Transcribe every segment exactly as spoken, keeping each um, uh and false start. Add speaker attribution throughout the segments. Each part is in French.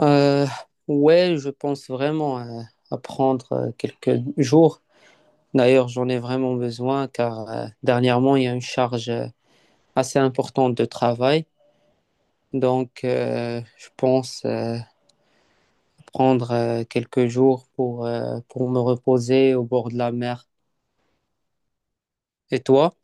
Speaker 1: Euh, ouais, je pense vraiment euh, à prendre euh, quelques jours. D'ailleurs, j'en ai vraiment besoin car euh, dernièrement, il y a une charge euh, assez importante de travail. Donc, euh, je pense euh, prendre euh, quelques jours pour, euh, pour me reposer au bord de la mer. Et toi?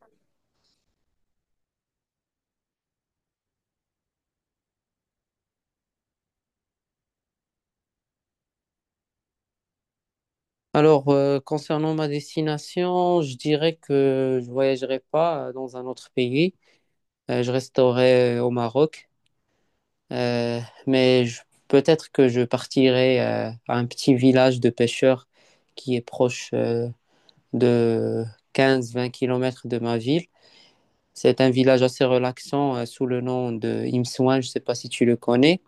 Speaker 1: Alors, euh, concernant ma destination, je dirais que je voyagerai pas euh, dans un autre pays. Euh, je resterai euh, au Maroc. Euh, mais je- peut-être que je partirai euh, à un petit village de pêcheurs qui est proche euh, de quinze vingt kilomètres de ma ville. C'est un village assez relaxant euh, sous le nom de Imsouane, je ne sais pas si tu le connais.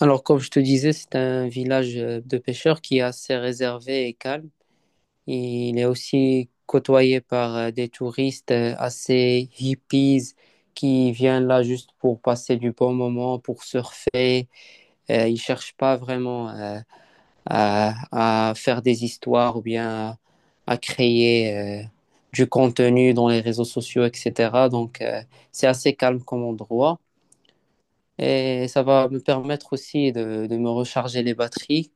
Speaker 1: Alors, comme je te disais, c'est un village euh, de pêcheurs qui est assez réservé et calme. Il est aussi côtoyé par euh, des touristes euh, assez hippies qui viennent là juste pour passer du bon moment, pour surfer. Euh, ils cherchent pas vraiment euh, à, à faire des histoires ou bien à, à créer euh, du contenu dans les réseaux sociaux, et cetera. Donc, euh, c'est assez calme comme endroit. Et ça va me permettre aussi de, de me recharger les batteries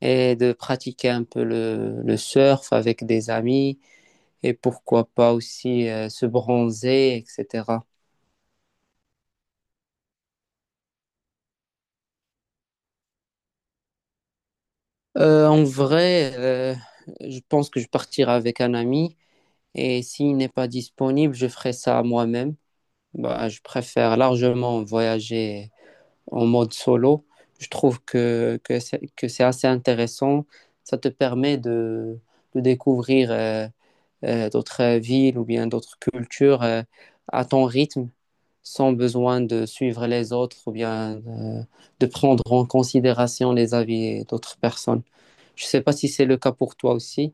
Speaker 1: et de pratiquer un peu le, le surf avec des amis et pourquoi pas aussi euh, se bronzer, et cetera. Euh, en vrai, euh, je pense que je partirai avec un ami et s'il n'est pas disponible, je ferai ça moi-même. Bah, je préfère largement voyager en mode solo. Je trouve que, que c'est, que c'est assez intéressant. Ça te permet de, de découvrir euh, euh, d'autres villes ou bien d'autres cultures euh, à ton rythme, sans besoin de suivre les autres ou bien euh, de prendre en considération les avis d'autres personnes. Je ne sais pas si c'est le cas pour toi aussi.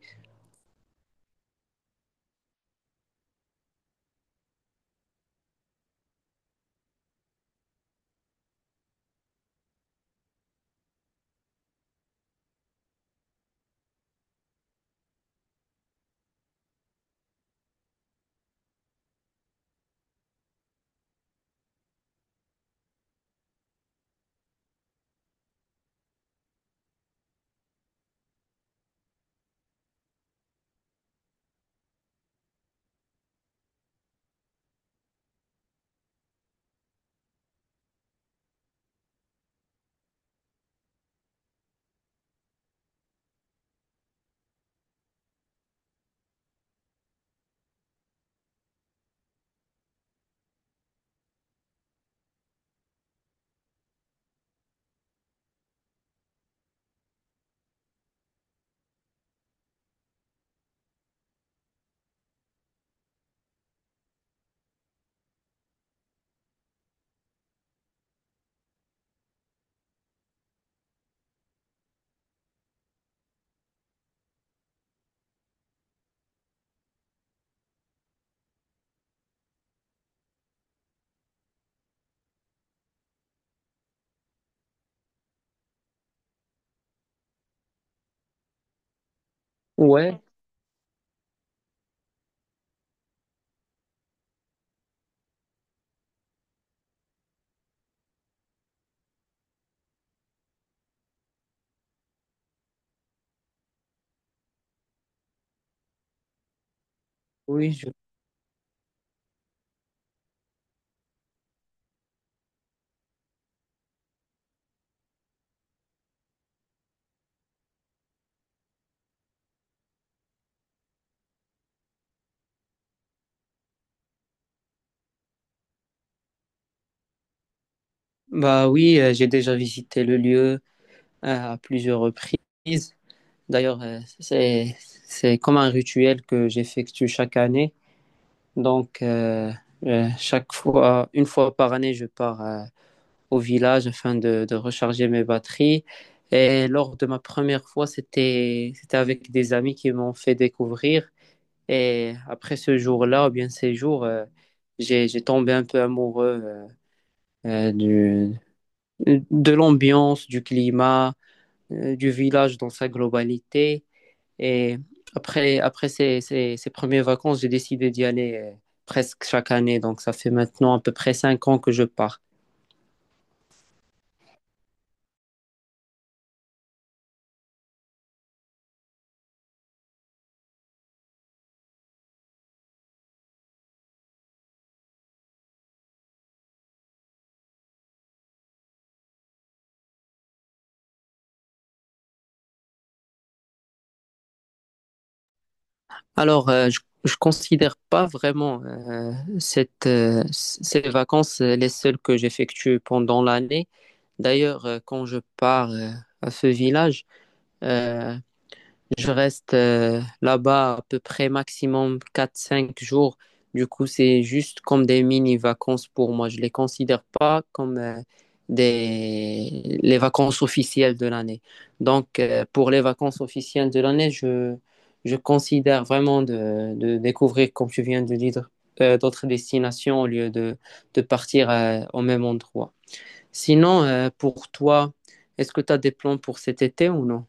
Speaker 1: Ouais, oui, je- bah oui, euh, j'ai déjà visité le lieu euh, à plusieurs reprises. D'ailleurs, euh, c'est c'est comme un rituel que j'effectue chaque année. Donc euh, euh, chaque fois, une fois par année, je pars euh, au village afin de, de recharger mes batteries. Et lors de ma première fois, c'était, c'était avec des amis qui m'ont fait découvrir. Et après ce jour-là, ou bien ces jours, euh, j'ai, j'ai tombé un peu amoureux euh, euh, du, de l'ambiance, du climat, euh, du village dans sa globalité. Et après, après ces, ces, ces premières vacances, j'ai décidé d'y aller euh, presque chaque année. Donc ça fait maintenant à peu près cinq ans que je pars. Alors, euh, je, je considère pas vraiment euh, cette, euh, c- ces vacances euh, les seules que j'effectue pendant l'année. D'ailleurs, euh, quand je pars euh, à ce village, euh, je reste euh, là-bas à peu près maximum quatre cinq jours. Du coup, c'est juste comme des mini-vacances pour moi. Je ne les considère pas comme euh, des... les vacances officielles de l'année. Donc, euh, pour les vacances officielles de l'année, je, je considère vraiment de, de découvrir, comme tu viens de dire, euh, d'autres destinations au lieu de, de partir euh, au même endroit. Sinon, euh, pour toi, est-ce que tu as des plans pour cet été ou non?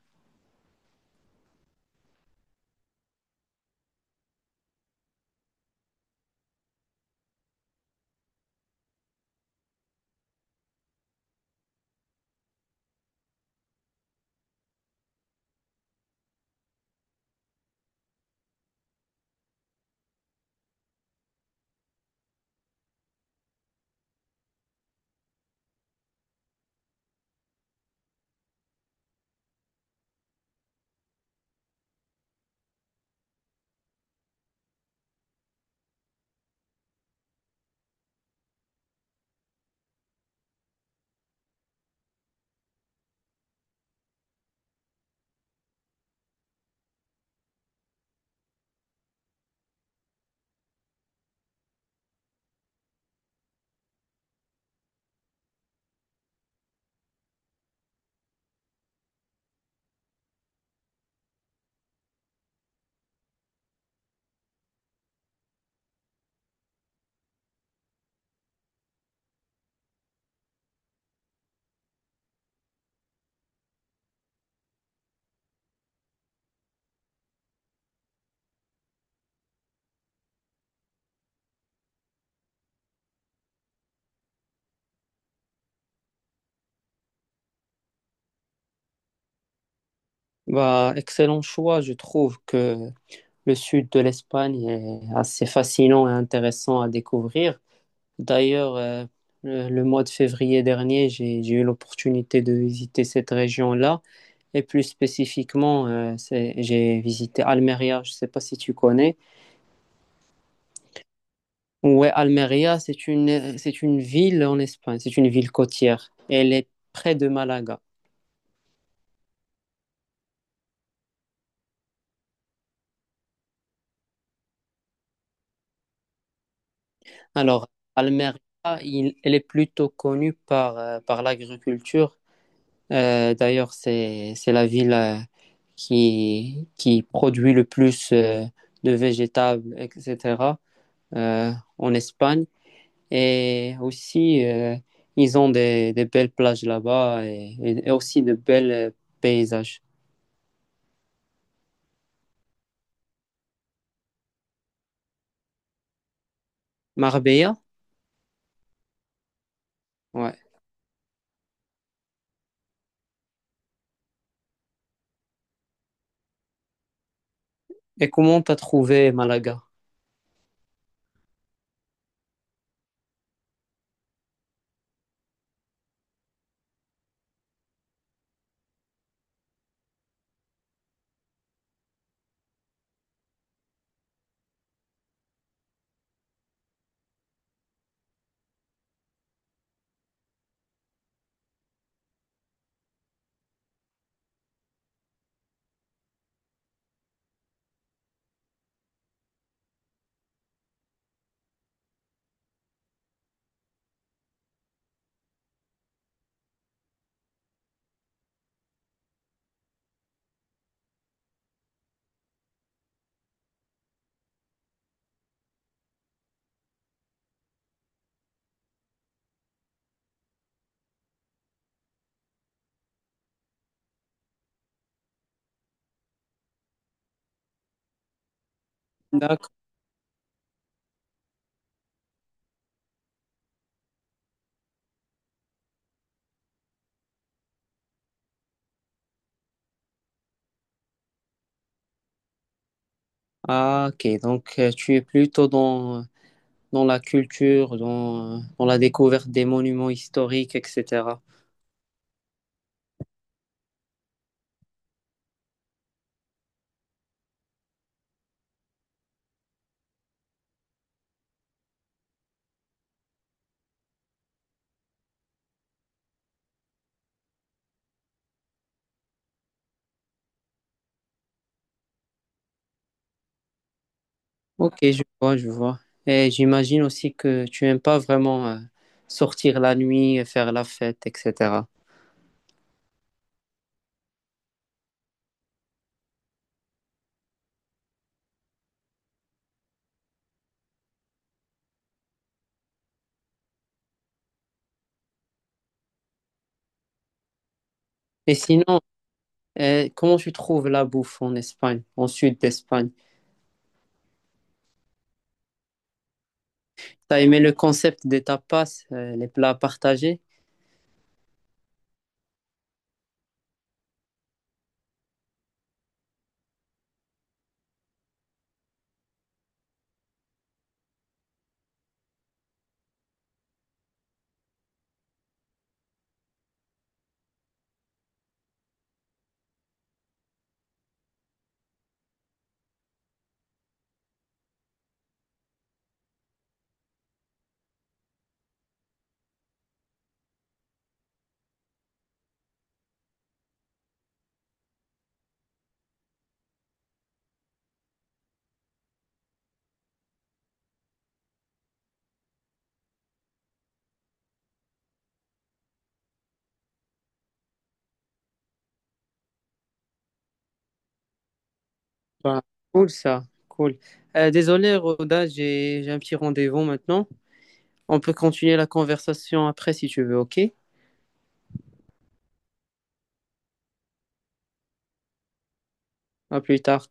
Speaker 1: Bah, excellent choix. Je trouve que le sud de l'Espagne est assez fascinant et intéressant à découvrir. D'ailleurs, euh, le, le mois de février dernier, j'ai, j'ai eu l'opportunité de visiter cette région-là. Et plus spécifiquement, euh, c'est- j'ai visité Almeria. Je ne sais pas si tu connais. Ouais, Almeria, c'est une, c'est une ville en Espagne. C'est une ville côtière. Elle est près de Malaga. Alors, Almeria, il- elle est plutôt connue par, euh, par l'agriculture. Euh, d'ailleurs, c'est, c'est la ville euh, qui, qui produit le plus euh, de végétables, et cetera, euh, en Espagne. Et aussi, euh, ils ont des, des belles plages là-bas et, et- et aussi de belles euh, paysages. Marbella? Ouais. Et comment t'as trouvé Malaga? D'accord. Ah, ok. Donc, euh, tu es plutôt dans, dans la culture, dans, dans la découverte des monuments historiques, et cetera. Ok, je vois, je vois. Et j'imagine aussi que tu aimes pas vraiment euh, sortir la nuit, faire la fête, et cetera. Et sinon, euh, comment tu trouves la bouffe en Espagne, en sud d'Espagne? T'as aimé le concept des tapas, euh, les plats partagés? Ben, cool ça, cool. Euh, désolé, Roda, j'ai j'ai un petit rendez-vous maintenant. On peut continuer la conversation après si tu veux, ok? À plus tard.